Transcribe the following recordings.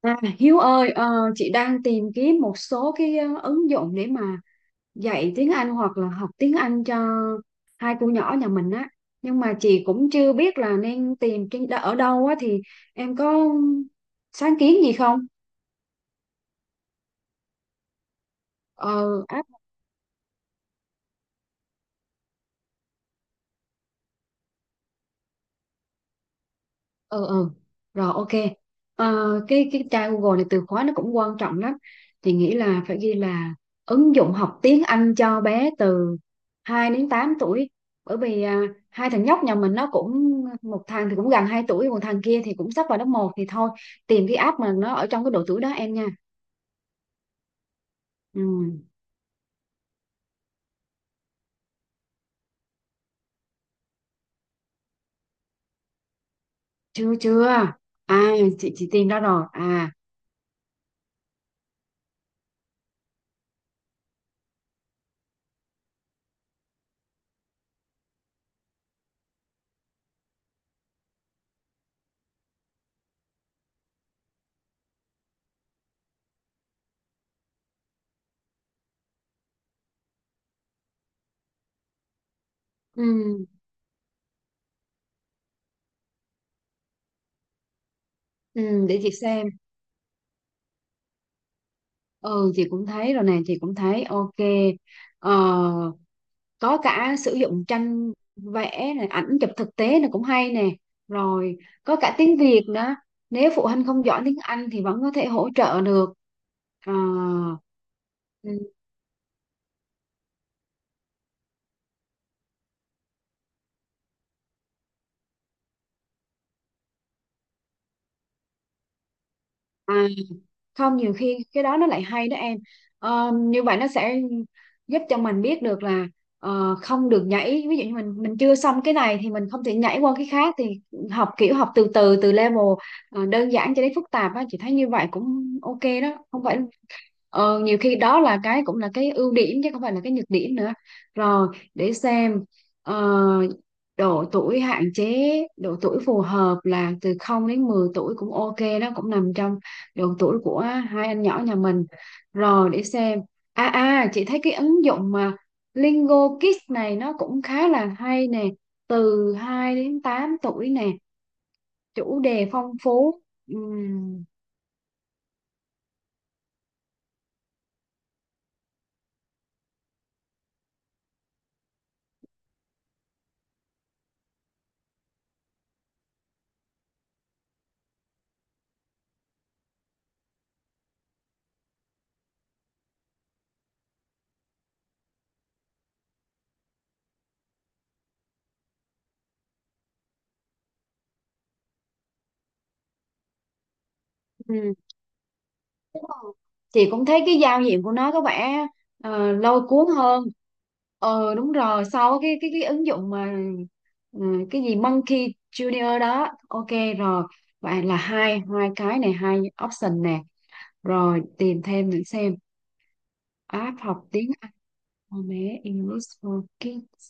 À, Hiếu ơi, chị đang tìm kiếm một số cái ứng dụng để mà dạy tiếng Anh hoặc là học tiếng Anh cho hai cô nhỏ nhà mình á. Nhưng mà chị cũng chưa biết là nên tìm trên, ở đâu á, thì em có sáng kiến gì không? Ờ. Ừ, ừ. Rồi, ok. Ờ, cái tra Google này từ khóa nó cũng quan trọng lắm, thì nghĩ là phải ghi là ứng dụng học tiếng Anh cho bé từ 2 đến 8 tuổi, bởi vì hai thằng nhóc nhà mình nó cũng, một thằng thì cũng gần 2 tuổi, một thằng kia thì cũng sắp vào lớp một, thì thôi tìm cái app mà nó ở trong cái độ tuổi đó em nha. Ừ, chưa chưa. À, chị tìm ra rồi à. Ừ. Ừ, để chị xem. Ừ, chị cũng thấy rồi nè, chị cũng thấy ok. Ờ, có cả sử dụng tranh vẽ này, ảnh chụp thực tế này cũng hay nè. Rồi, có cả tiếng Việt nữa, nếu phụ huynh không giỏi tiếng Anh thì vẫn có thể hỗ trợ được. Ờ, ừ, à, không, nhiều khi cái đó nó lại hay đó em. Ờ, như vậy nó sẽ giúp cho mình biết được là không được nhảy, ví dụ như mình chưa xong cái này thì mình không thể nhảy qua cái khác, thì học kiểu học từ từ từ level đơn giản cho đến phức tạp á, chị thấy như vậy cũng ok đó, không phải, nhiều khi đó là cái cũng là cái ưu điểm chứ không phải là cái nhược điểm nữa. Rồi, để xem. ờ, độ tuổi hạn chế, độ tuổi phù hợp là từ 0 đến 10 tuổi cũng ok đó, cũng nằm trong độ tuổi của hai anh nhỏ nhà mình. Rồi, để xem. À, à, chị thấy cái ứng dụng mà Lingo Kids này nó cũng khá là hay nè, từ 2 đến 8 tuổi nè, chủ đề phong phú. Ừm, ừm. Chị cũng thấy cái giao diện của nó có vẻ lôi cuốn hơn. Ờ, đúng rồi, sau cái ứng dụng mà ừ, cái gì Monkey Junior đó, ok. Rồi, vậy là hai hai, cái này hai option nè. Rồi, tìm thêm để xem. App học tiếng Anh for bé, English for Kids.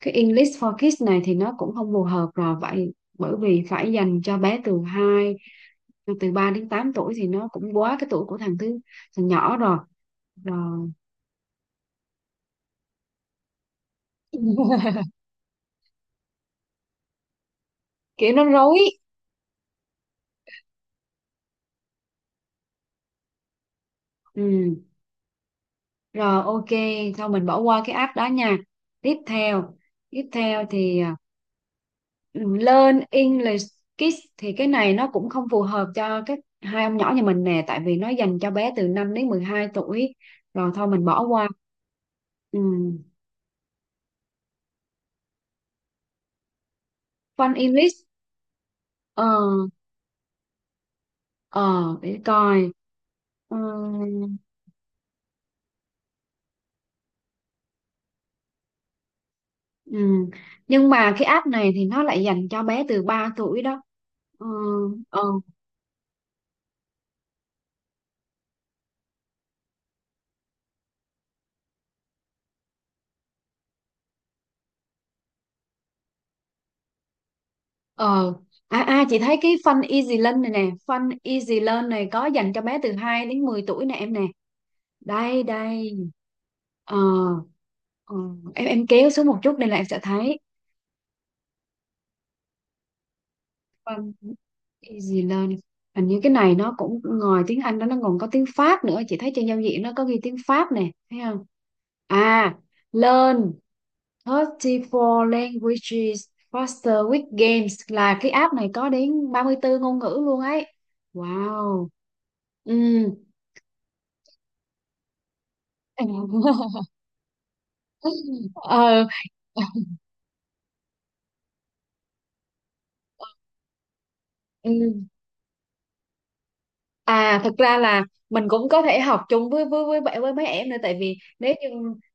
Cái English for Kids này thì nó cũng không phù hợp rồi vậy, bởi vì phải dành cho bé từ 2, từ 3 đến 8 tuổi, thì nó cũng quá cái tuổi của thằng thứ, thằng nhỏ rồi. Rồi. Kiểu nó rối. Ừ. Rồi ok, thôi mình bỏ qua cái app đó nha. Tiếp theo, tiếp theo thì learn English Kids thì cái này nó cũng không phù hợp cho các hai ông nhỏ nhà mình nè, tại vì nó dành cho bé từ 5 đến 12 tuổi. Rồi, thôi mình bỏ qua. Ừ. Fun English. ờ ờ để coi. Ừ. Ừ. Nhưng mà cái app này thì nó lại dành cho bé từ 3 tuổi đó. Ừ. ờ ờ à, à chị thấy cái Fun Easy Learn này nè, Fun Easy Learn này có dành cho bé từ 2 đến 10 tuổi nè em nè, đây đây. ờ, ờ, em kéo xuống một chút đây là em sẽ thấy. Vâng. Easy learning, hình như cái này nó cũng ngoài tiếng Anh đó, nó còn có tiếng Pháp nữa, chị thấy trên giao diện nó có ghi tiếng Pháp nè, thấy không. À, learn 34 languages faster with games, là cái app này có đến 34 ngôn ngữ luôn ấy, wow. Ừ. ờ Ừ. À, thực ra là mình cũng có thể học chung với bạn, với mấy em nữa, tại vì nếu như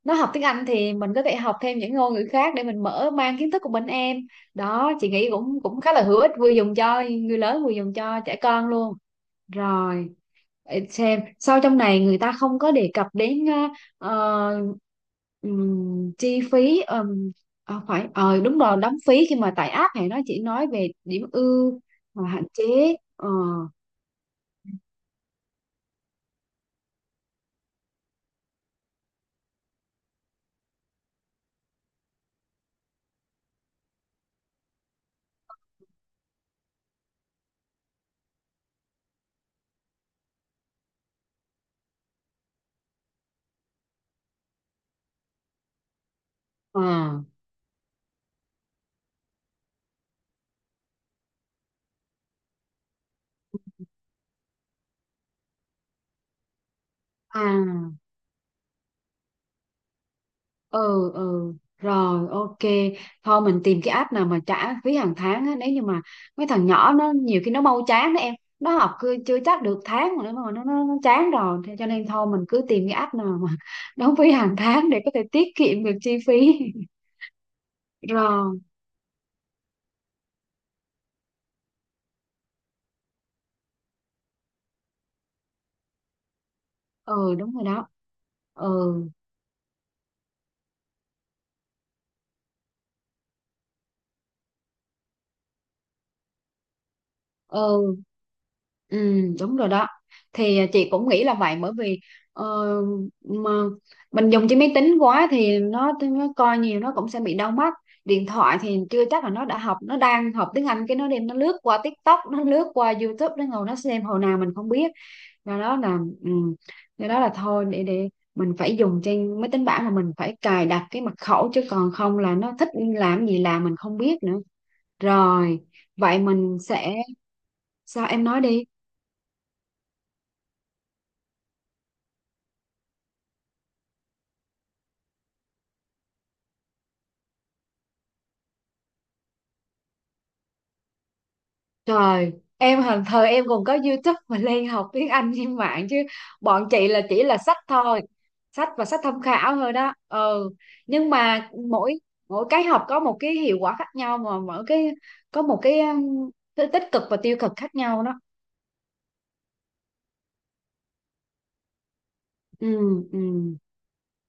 nó học tiếng Anh thì mình có thể học thêm những ngôn ngữ khác để mình mở mang kiến thức của mình em. Đó, chị nghĩ cũng cũng khá là hữu ích, vừa dùng cho người lớn vừa dùng cho trẻ con luôn. Rồi, để xem, sau trong này người ta không có đề cập đến ờ, chi phí, phải, ờ đúng rồi, đóng phí khi mà tải app này nó chỉ nói về điểm ưu và hạn chế. Ờ ờ à ừ, ừ, rồi ok, thôi mình tìm cái app nào mà trả phí hàng tháng á, nếu như mà mấy thằng nhỏ nó nhiều khi nó mau chán đó em, nó học cứ chưa chắc được tháng mà nó chán rồi. Thế cho nên thôi mình cứ tìm cái app nào mà đóng phí hàng tháng để có thể tiết kiệm được chi phí. Rồi. Ừ, đúng rồi đó. Ừ. Ừ. Ừ, đúng rồi đó, thì chị cũng nghĩ là vậy, bởi vì ờ, mà mình dùng trên máy tính quá thì nó coi nhiều nó cũng sẽ bị đau mắt. Điện thoại thì chưa chắc là nó đã học, nó đang học tiếng Anh cái nó đem nó lướt qua TikTok, nó lướt qua YouTube, nó ngồi nó xem hồi nào mình không biết. Do đó là do đó là thôi để mình phải dùng trên máy tính bảng, mà mình phải cài đặt cái mật khẩu, chứ còn không là nó thích làm gì làm mình không biết nữa. Rồi, vậy mình sẽ. Sao em nói đi? Trời, em hồi thời em còn có YouTube mà lên học tiếng Anh trên mạng chứ, bọn chị là chỉ là sách thôi, sách và sách tham khảo thôi đó. Ừ, nhưng mà mỗi mỗi cái học có một cái hiệu quả khác nhau, mà mỗi cái có một cái tích cực và tiêu cực khác nhau đó. Ừ. Ừ.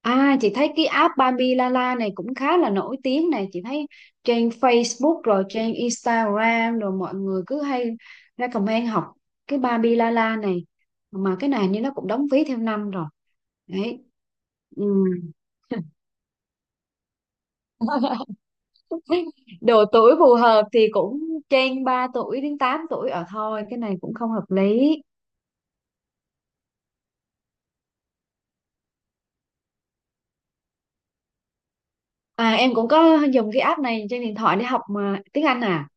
À, chị thấy cái app Bambi Lala này cũng khá là nổi tiếng này, chị thấy trên Facebook rồi trên Instagram rồi mọi người cứ hay recommend học cái Bambi Lala này. Mà cái này như nó cũng đóng phí theo năm rồi. Đấy. Ừ. Độ tuổi phù hợp thì cũng trên 3 tuổi đến 8 tuổi ở thôi, cái này cũng không hợp lý. À em cũng có dùng cái app này trên điện thoại để học mà tiếng Anh à.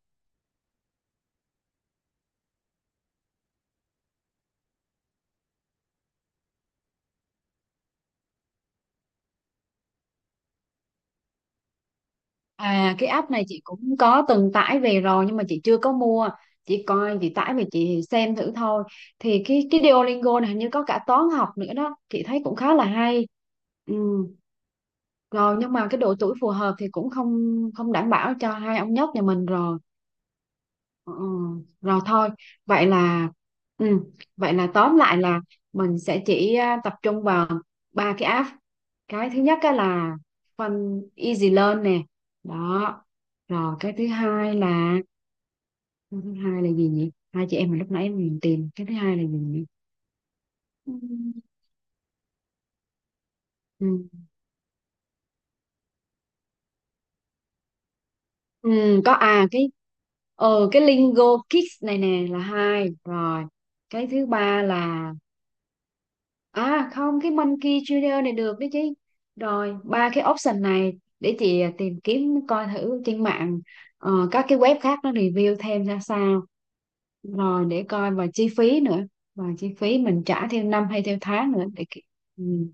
À cái app này chị cũng có từng tải về rồi nhưng mà chị chưa có mua. Chị coi chị tải về chị xem thử thôi. Thì cái Duolingo này hình như có cả toán học nữa đó, chị thấy cũng khá là hay. Ừ. Rồi nhưng mà cái độ tuổi phù hợp thì cũng không, không đảm bảo cho hai ông nhóc nhà mình rồi. Ừ, rồi thôi, vậy là ừ, vậy là tóm lại là mình sẽ chỉ tập trung vào ba cái app. Cái thứ nhất á là Fun Easy Learn nè. Đó. Rồi, cái thứ hai là, cái thứ hai là gì nhỉ, hai chị em mà lúc nãy mình tìm, cái thứ hai là gì nhỉ. ừ, ừ, ừ, có, à cái cái Lingo Kids này nè là hai rồi. Cái thứ ba là. À không, cái Monkey Junior này được đấy chứ. Rồi, ba cái option này để chị tìm kiếm coi thử trên mạng, các cái web khác nó review thêm ra sao. Rồi để coi và chi phí nữa. Và chi phí mình trả theo năm hay theo tháng nữa để ki-. Ừ.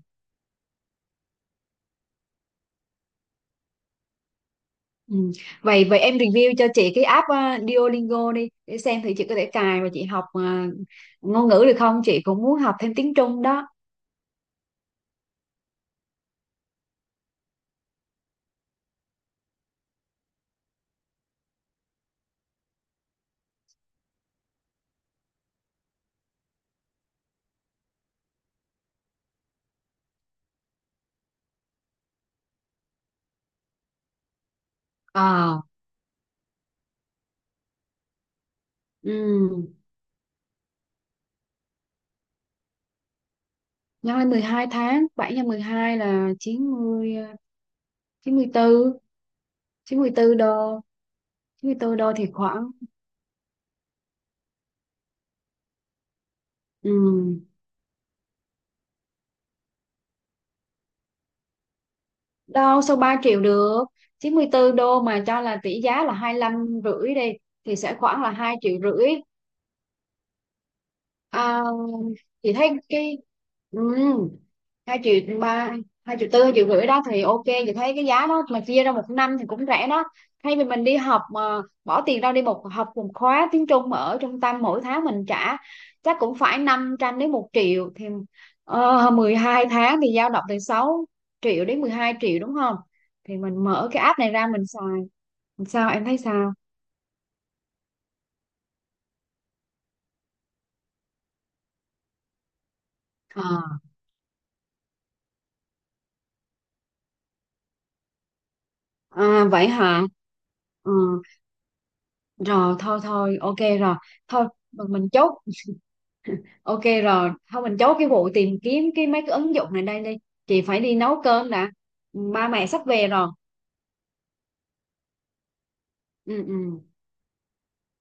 Ừ. Vậy vậy em review cho chị cái app Duolingo đi để xem thì chị có thể cài và chị học ngôn ngữ được không? Chị cũng muốn học thêm tiếng Trung đó. Ờ. Ừ. Nhân lên 12 tháng, 7 nhân 12 là 90 chín, chín mươi tư. Chín mươi 94 đô. 94 đô thì khoảng. Ừ. Đâu sao 3 triệu được, 94 đô mà cho là tỷ giá là hai lăm rưỡi đi, thì sẽ khoảng là 2 triệu rưỡi. à, chị thấy cái. Ừ. Hai triệu ba, hai triệu tư, hai triệu rưỡi đó thì ok, chị thấy cái giá đó mà chia ra một năm thì cũng rẻ đó, thay vì mình đi học mà bỏ tiền ra đi một học một khóa tiếng Trung mà ở trung tâm mỗi tháng mình trả chắc cũng phải 500 đến một triệu thì 12 tháng thì dao động từ 6 triệu đến 12 triệu đúng không, thì mình mở cái app này ra mình xài. Sao em thấy sao? Ờ. À, vậy hả. Ừ, rồi thôi thôi ok rồi, thôi mình chốt. Ok rồi, thôi mình chốt cái vụ tìm kiếm cái mấy cái ứng dụng này đây đi. Chị phải đi nấu cơm đã. Ba mẹ sắp về rồi. Ừ, ừ.